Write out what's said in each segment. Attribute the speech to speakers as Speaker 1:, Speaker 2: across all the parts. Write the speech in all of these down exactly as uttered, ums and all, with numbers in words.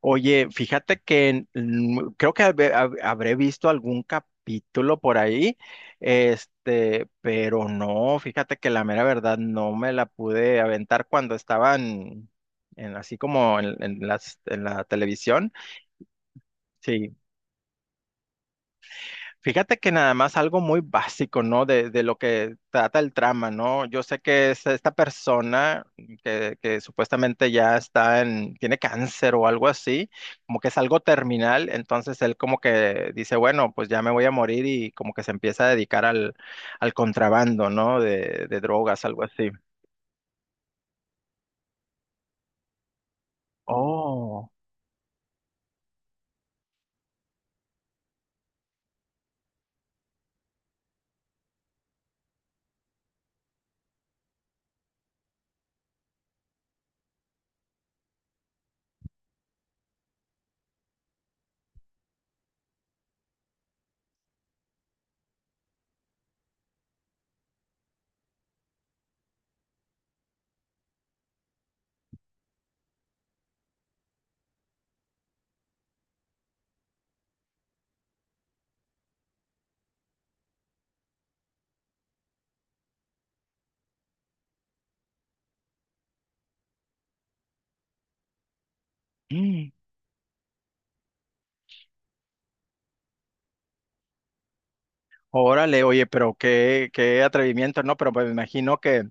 Speaker 1: Oye, fíjate que mm, creo que habe- hab- habré visto algún capítulo por ahí, este, pero no, fíjate que la mera verdad no me la pude aventar cuando estaban en, en así como en, en las en la televisión. Sí. Fíjate que nada más algo muy básico, ¿no? De, de lo que trata el trama, ¿no? Yo sé que es esta persona que, que supuestamente ya está en, tiene cáncer o algo así, como que es algo terminal, entonces él como que dice, bueno, pues ya me voy a morir y como que se empieza a dedicar al, al contrabando, ¿no? De, de drogas, algo así. Oh, mm, órale, oye, pero qué, qué atrevimiento, ¿no? Pero me imagino que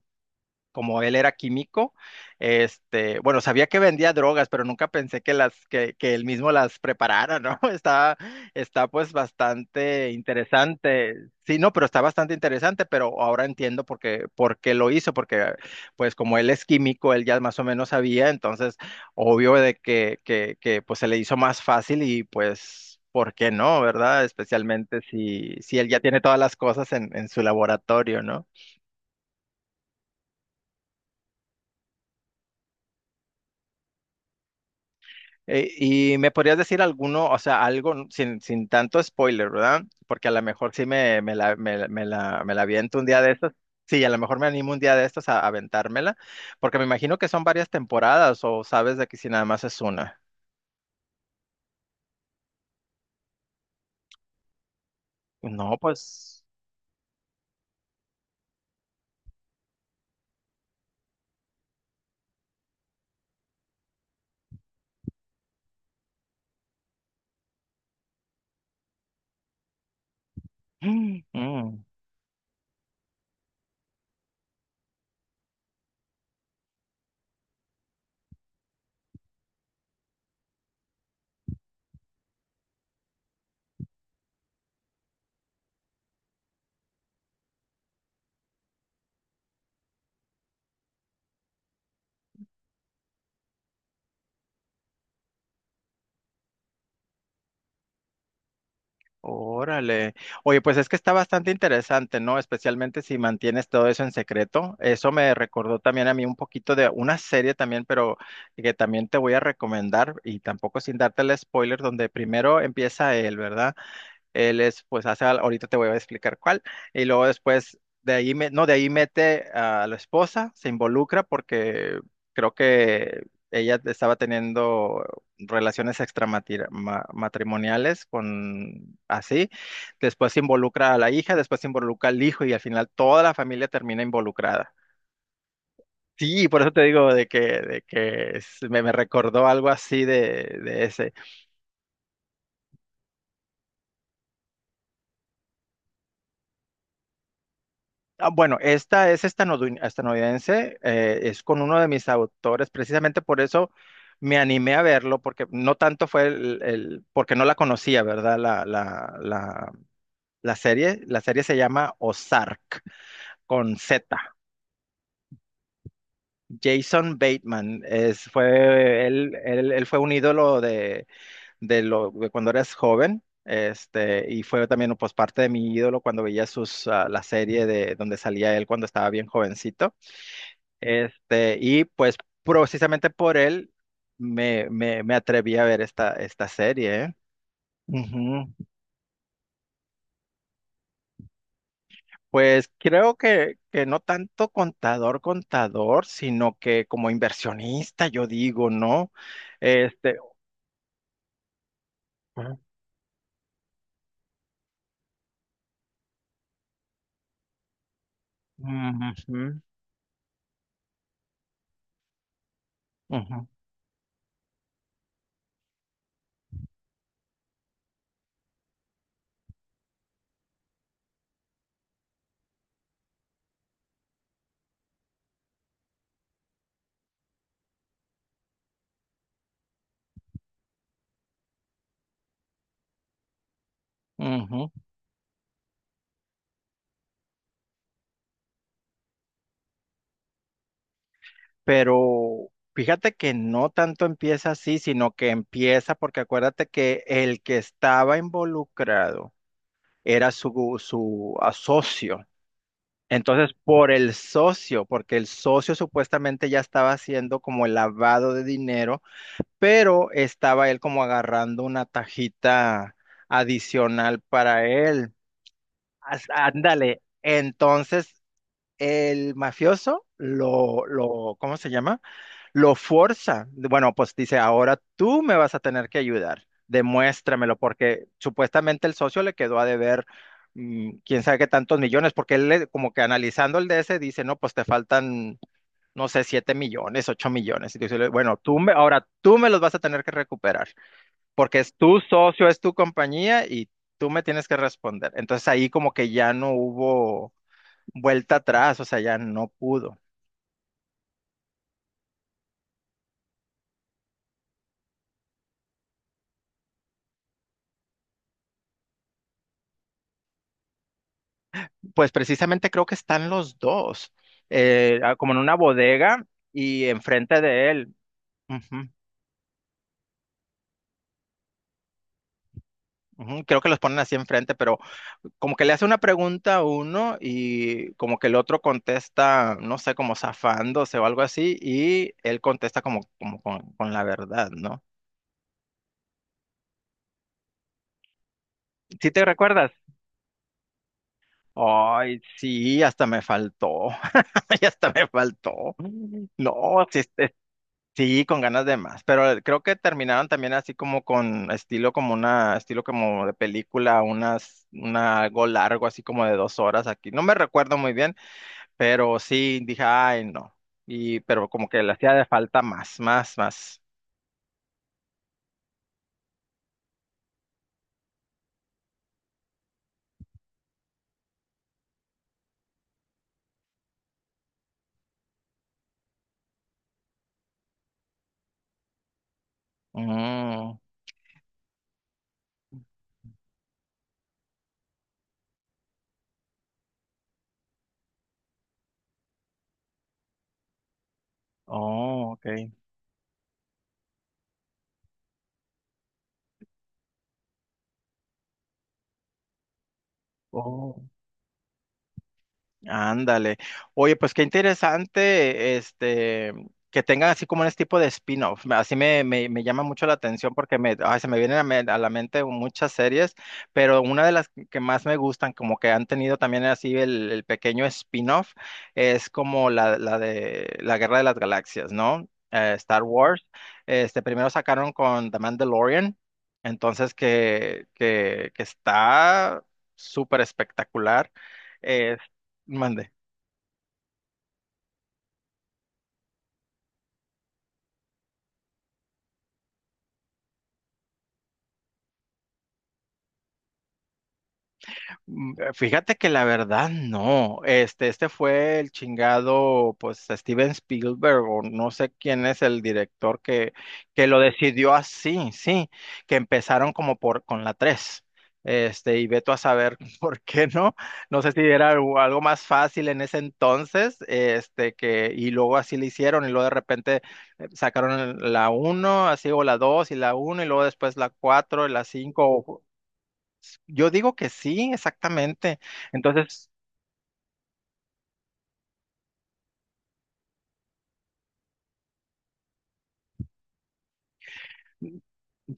Speaker 1: como él era químico, este, bueno, sabía que vendía drogas, pero nunca pensé que las, que, que él mismo las preparara, ¿no? Está, está pues bastante interesante. Sí, no, pero está bastante interesante, pero ahora entiendo por qué, por qué lo hizo, porque pues como él es químico, él ya más o menos sabía, entonces obvio de que, que, que pues se le hizo más fácil y pues, ¿por qué no, verdad? Especialmente si, si él ya tiene todas las cosas en, en su laboratorio, ¿no? Eh, y me podrías decir alguno, o sea, algo sin, sin tanto spoiler, ¿verdad? Porque a lo mejor sí me, me la, me, la, me la me la aviento un día de estos. Sí, a lo mejor me animo un día de estos a, a aventármela, porque me imagino que son varias temporadas o sabes de que si nada más es una. No, pues... mm, órale. Oye, pues es que está bastante interesante, ¿no? Especialmente si mantienes todo eso en secreto. Eso me recordó también a mí un poquito de una serie también, pero que también te voy a recomendar y tampoco sin darte el spoiler, donde primero empieza él, ¿verdad? Él es, pues hace, al- ahorita te voy a explicar cuál. Y luego después de ahí, me- no, de ahí mete a la esposa, se involucra porque creo que ella estaba teniendo relaciones extramatrimoniales con así. Después se involucra a la hija, después se involucra al hijo y al final toda la familia termina involucrada. Sí, por eso te digo de que, de que es- me, me recordó algo así de, de ese. Ah, bueno, esta es estanodu- estadounidense, eh, es con uno de mis autores, precisamente por eso me animé a verlo, porque no tanto fue el, el- porque no la conocía, ¿verdad? La, la, la, la serie, la serie se llama Ozark, con Z. Jason Bateman, es, fue, él, él, él fue un ídolo de, de, lo, de cuando eras joven. Este, y fue también pues, parte de mi ídolo cuando veía sus, ah, la serie de donde salía él cuando estaba bien jovencito. Este, y pues precisamente por él me, me, me atreví a ver esta, esta serie. ¿Eh? Ujú. Pues creo que, que no tanto contador, contador, sino que como inversionista, yo digo, ¿no? Este, ujú. Ujú, ujú, ujú. Pero fíjate que no tanto empieza así, sino que empieza porque acuérdate que el que estaba involucrado era su, su socio. Entonces, por el socio, porque el socio supuestamente ya estaba haciendo como el lavado de dinero, pero estaba él como agarrando una tajita adicional para él. As- Ándale, entonces el mafioso lo, lo, ¿cómo se llama? Lo forza. Bueno, pues dice, ahora tú me vas a tener que ayudar. Demuéstramelo, porque supuestamente el socio le quedó a deber mm, quién sabe qué tantos millones, porque él le- como que analizando el D S dice, no, pues te faltan, no sé, siete millones, ocho millones. Y dice, bueno, tú me, ahora tú me los vas a tener que recuperar, porque es tu socio, es tu compañía y tú me tienes que responder. Entonces ahí como que ya no hubo vuelta atrás, o sea, ya no pudo. Pues precisamente creo que están los dos, eh, ah, como en una bodega y enfrente de él. Ujú, ujú, creo que los ponen así enfrente, pero como que le hace una pregunta a uno y como que el otro contesta, no sé, como zafándose o algo así, y él contesta como, como con, con la verdad, ¿no? ¿Sí te recuerdas? Ay, sí, hasta me faltó, y hasta me faltó. No, sí, sí, con ganas de más, pero creo que terminaron también así como con estilo como una, estilo como de película, unas, una, algo largo, así como de dos horas aquí. No me recuerdo muy bien, pero sí dije, ay, no. Y, pero como que le hacía de falta más, más, más. Mm, oh, ok. Oh. Ándale. Oye, pues qué interesante, este, que tengan así como este tipo de spin-off. Me- Así me, me, me llama mucho la atención porque me, ay, se me vienen a, me- a la mente muchas series, pero una de las que más me gustan, como que han tenido también así el, el pequeño spin-off, es como la, la de la Guerra de las Galaxias, ¿no? Eh, Star Wars. Este, primero sacaron con The Mandalorian, entonces que, que, que está súper espectacular. Eh, Mande. Mm, eh, fíjate que la verdad no. Este, este fue el chingado, pues, Steven Spielberg, o no sé quién es el director que, que lo decidió así, sí, que empezaron como por con la tres. Este, y veto a saber por qué no. No sé si era algo algo más fácil en ese entonces, este, que, y luego así lo hicieron, y luego de repente eh, sacaron el- la uno así, o la dos y la uno y luego después la cuatro y la cinco. Yo digo que sí, exactamente. Entonces,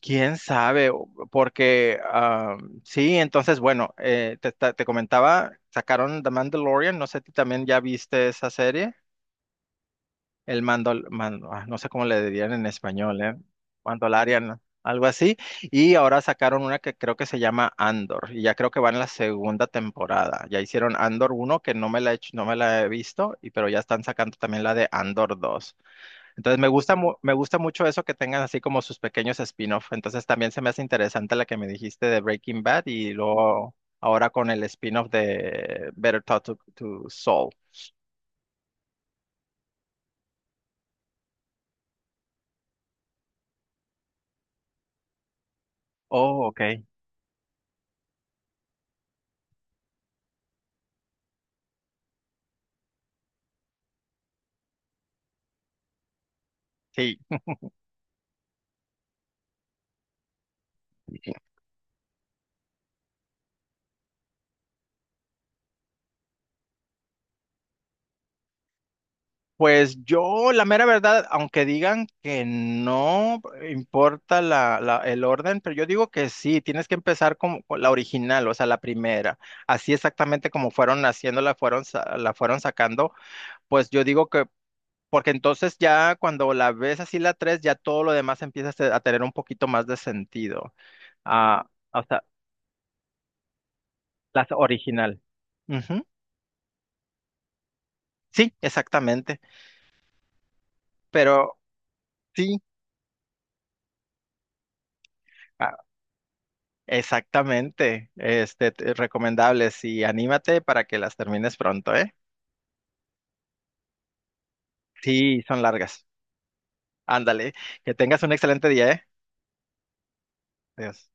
Speaker 1: quién sabe, O- porque ah, sí, entonces, bueno, eh, te, te- te comentaba, sacaron The Mandalorian, no sé si también ya viste esa serie, el Mandal, Man- ah, no sé cómo le dirían en español, ¿eh? Mandalorian, algo así, y ahora sacaron una que creo que se llama Andor, y ya creo que va en la segunda temporada, ya hicieron Andor uno que no me la he hecho- no me la he visto, y, pero ya están sacando también la de Andor dos. Entonces me gusta, mu- me gusta mucho eso que tengan así como sus pequeños spin-off. Entonces también se me hace interesante la que me dijiste de Breaking Bad y luego ahora con el spin-off de Better Talk to, to Saul. Oh, ok. Sí. Pues yo, la mera verdad, aunque digan que no importa la, la- el orden, pero yo digo que sí, tienes que empezar como con la original, o sea, la primera. Así exactamente como fueron haciéndola, fueron, sa- la fueron sacando, pues yo digo que porque entonces ya cuando la ves así la tres ya todo lo demás empieza a se- a tener un poquito más de sentido. Ah, o sea, la original. Ujú. Sí, exactamente. Pero sí, ah, exactamente. Este, te- recomendables y anímate para que las termines pronto, ¿eh? Sí, son largas. Ándale. Que tengas un excelente día, ¿eh? Adiós.